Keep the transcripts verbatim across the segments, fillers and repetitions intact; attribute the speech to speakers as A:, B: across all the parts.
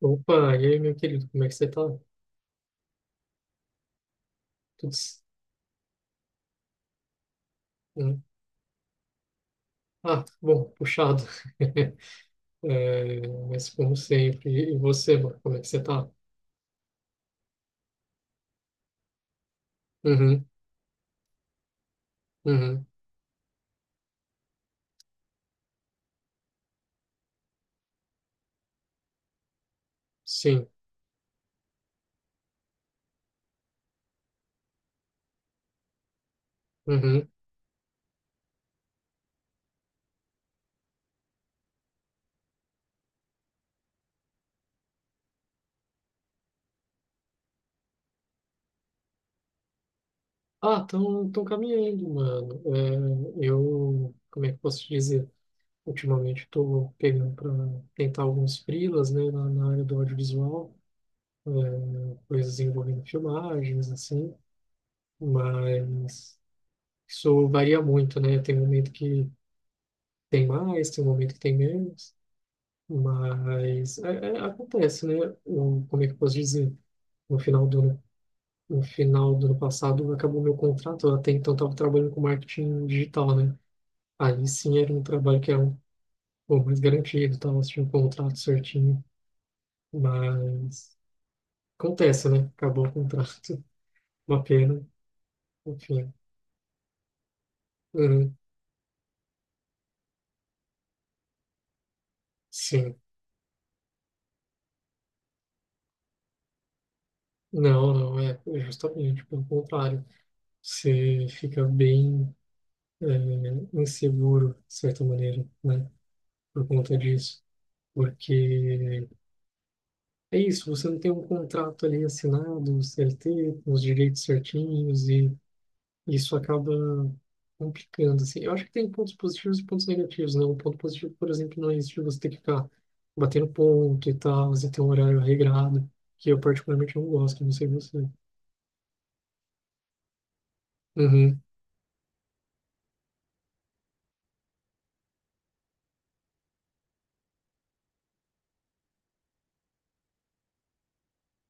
A: Opa, e aí, meu querido, como é que você tá? Tudo... s- né? Ah, bom, puxado. É, mas como sempre, e e você, mano, como é que você tá? Uhum, uhum, sim, uhum. Ah, tão, tão caminhando, mano. É, eu, como é que eu posso te dizer? Ultimamente estou pegando para tentar alguns freelas, né, na, na área do audiovisual, é, coisas envolvendo filmagens, assim, mas isso varia muito, né? Tem um momento que tem mais, tem um momento que tem menos, mas é- é- acontece, né? Eu, como é que eu posso dizer? No final do ano, no final do ano passado acabou meu contrato, eu até então estava trabalhando com marketing digital, né? Aí sim era um trabalho que era um pouco mais garantido, tava tinha um contrato certinho, mas acontece, né? Acabou o contrato, uma pena, enfim. Uhum, sim. Não, não, é é justamente pelo contrário. Você fica bem é, inseguro, de certa maneira, né? Por conta disso. Porque é isso, você não tem um contrato ali assinado, C L T, com os direitos certinhos, e isso acaba complicando, assim. Eu acho que tem pontos positivos e pontos negativos, né? Um ponto positivo, por exemplo, não é isso de você ter que ficar batendo ponto e tal, você ter um horário regrado, que eu particularmente não gosto, não sei você. Uhum,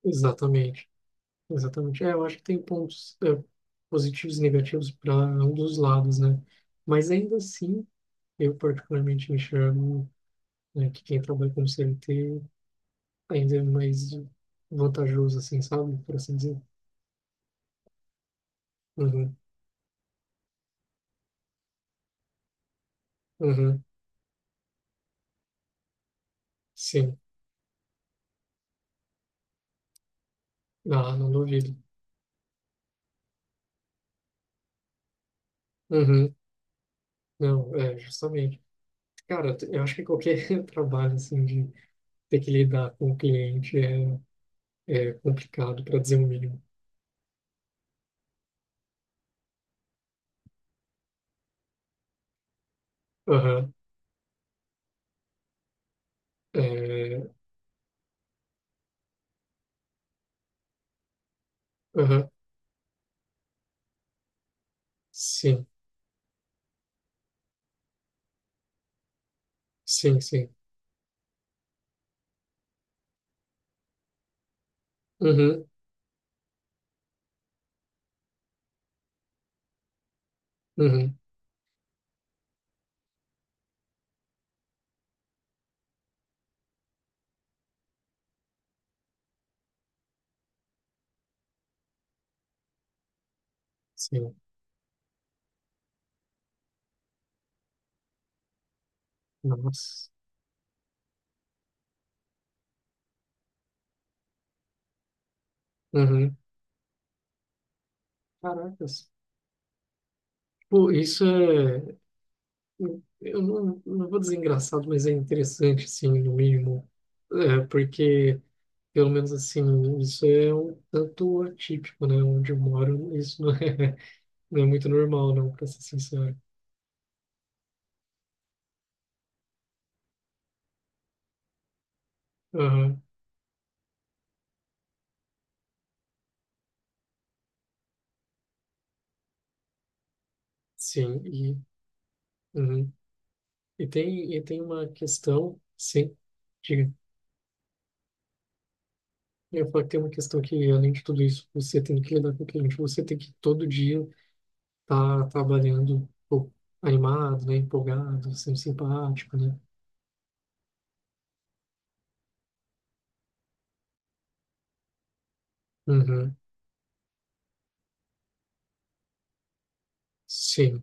A: exatamente. Exatamente. É, eu acho que tem pontos é, positivos e negativos para ambos os lados, né? Mas ainda assim, eu particularmente enxergo, né, que quem trabalha com C L T ainda é mais vantajoso, assim, sabe? Por assim dizer. Uhum, uhum, sim. Ah, não duvido. Uhum, não, é, justamente. Cara, eu acho que qualquer trabalho, assim, de ter que lidar com o cliente é, é complicado, para dizer o mínimo. Aham, é, aham, sim. Sim, sim. Uhum, uhum, sim. Nossa. Uhum. Caracas. Pô, isso é. Eu não, não vou dizer engraçado, mas é interessante, assim, no mínimo. É, porque, pelo menos assim, isso é um tanto atípico, né? Onde eu moro, isso não é, não é muito normal, não, pra ser sincero. Aham, sim. E, uhum. E tem, e tem uma questão, sim. Diga. Eu ia falar que tem uma questão que, além de tudo isso, você tem que lidar com o cliente. Você tem que todo dia tá trabalhando pô, animado, né? Empolgado, sendo simpático, né? Uhum, sim.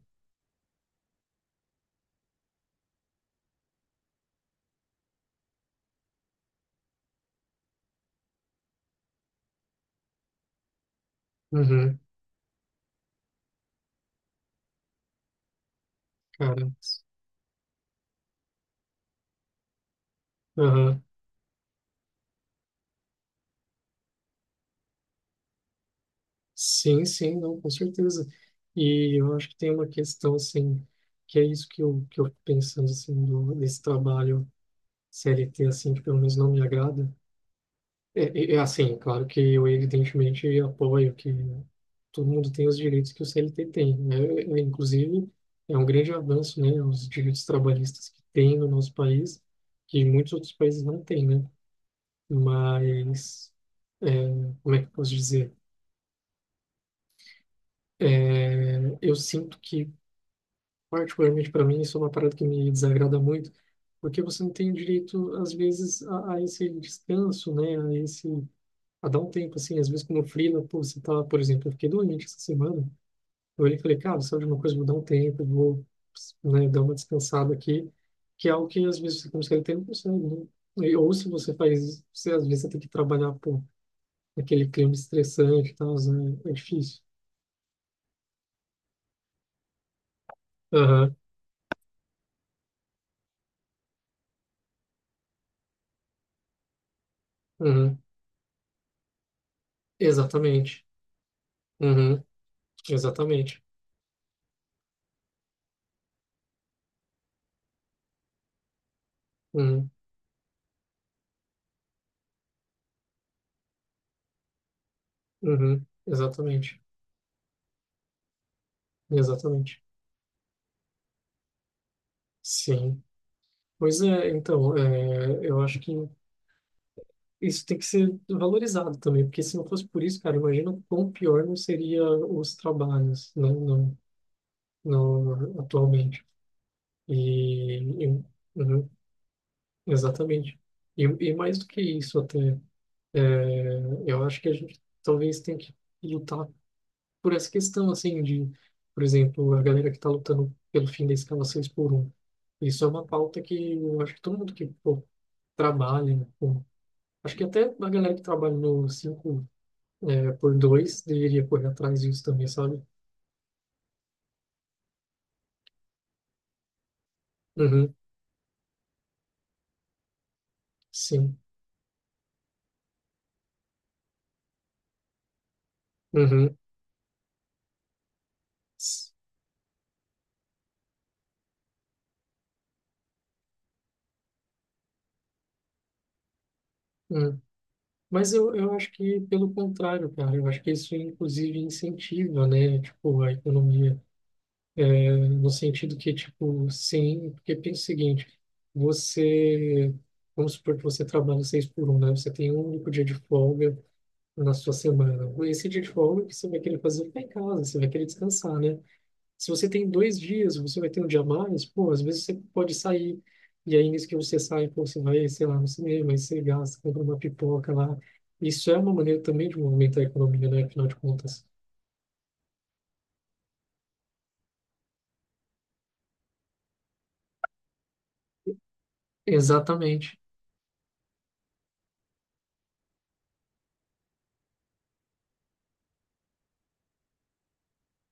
A: Uhum, cara. Aham. Sim, sim, não, com certeza. E eu acho que tem uma questão, assim, que é isso que eu, que eu fico pensando, assim, do, desse trabalho C L T, assim, que pelo menos não me agrada. É, é, é assim, claro que eu evidentemente apoio que todo mundo tem os direitos que o C L T tem, né? É, inclusive, é um grande avanço, né, os direitos trabalhistas que tem no nosso país, que muitos outros países não têm, né? Mas, é, como é que eu posso dizer? Eu sinto que, particularmente para mim, isso é uma parada que me desagrada muito, porque você não tem direito, às vezes, a, a esse descanso, né, a esse... a dar um tempo, assim, às vezes como freela, pô, você tá, por exemplo, eu fiquei doente essa semana. Eu olhei e falei, cara, sabe de uma coisa, vou dar um tempo, vou, né, dar uma descansada aqui, que é algo que às vezes você consegue ter, não consegue, né? E- Ou se você faz, você às vezes você tem que trabalhar, por aquele clima estressante e tal, né? É difícil. Aham, uhum, exatamente. Uhum, exatamente. Uhum, uhum, exatamente. Exatamente. Sim. Pois é, então, é, eu acho que isso tem que ser valorizado também, porque se não fosse por isso, cara, imagina o quão pior não seria os trabalhos, né, no, no, atualmente. E, e uhum, exatamente. E, e mais do que isso até, é, eu acho que a gente talvez tenha que lutar por essa questão, assim, de, por exemplo, a galera que está lutando pelo fim da escala seis por um. Isso é uma pauta que eu acho que todo mundo que pô, trabalha, né, pô, acho que até a galera que trabalha no cinco é, por dois, deveria correr atrás disso também, sabe? Uhum, sim. Uhum. s- hum. Mas eu, eu acho que pelo contrário, cara, eu acho que isso inclusive incentiva, né, tipo, a economia, né, no sentido que, tipo, sim, porque pensa o seguinte, você, vamos supor que você trabalha seis por um, né, você tem um único dia de folga na sua semana, esse dia de folga que você vai querer fazer ficar em casa, você vai querer descansar, né? Se você tem dois dias, você vai ter um dia a mais, pô, às vezes você pode sair. E aí, nisso que você sai, pô, você vai, sei lá, no cinema, aí você gasta, compra uma pipoca lá. Isso é uma maneira também de movimentar a economia, né? Afinal de contas. Exatamente.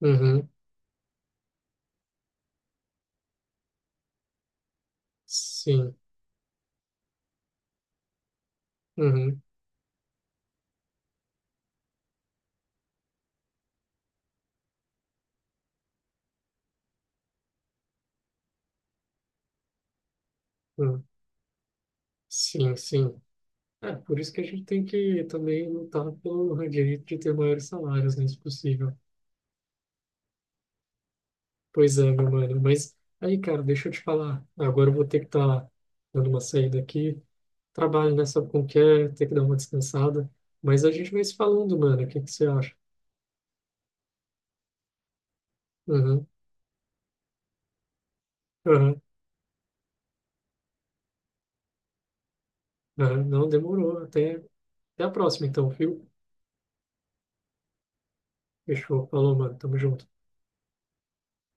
A: Uhum. Sim. Uhum. Uhum. Sim, sim. É, por isso que a gente tem que também lutar pelo direito de ter maiores salários, né, se possível. Pois é, meu mano. Mas aí, cara, deixa eu te falar. Agora eu vou ter que estar dando uma saída aqui. Trabalho, né? Sabe como que é? Ter que dar uma descansada. Mas a gente vai se falando, mano. O que que você acha? Uhum, uhum, uhum. Não demorou. Até, até a próxima, então, viu? Fechou. Falou, mano. Tamo junto.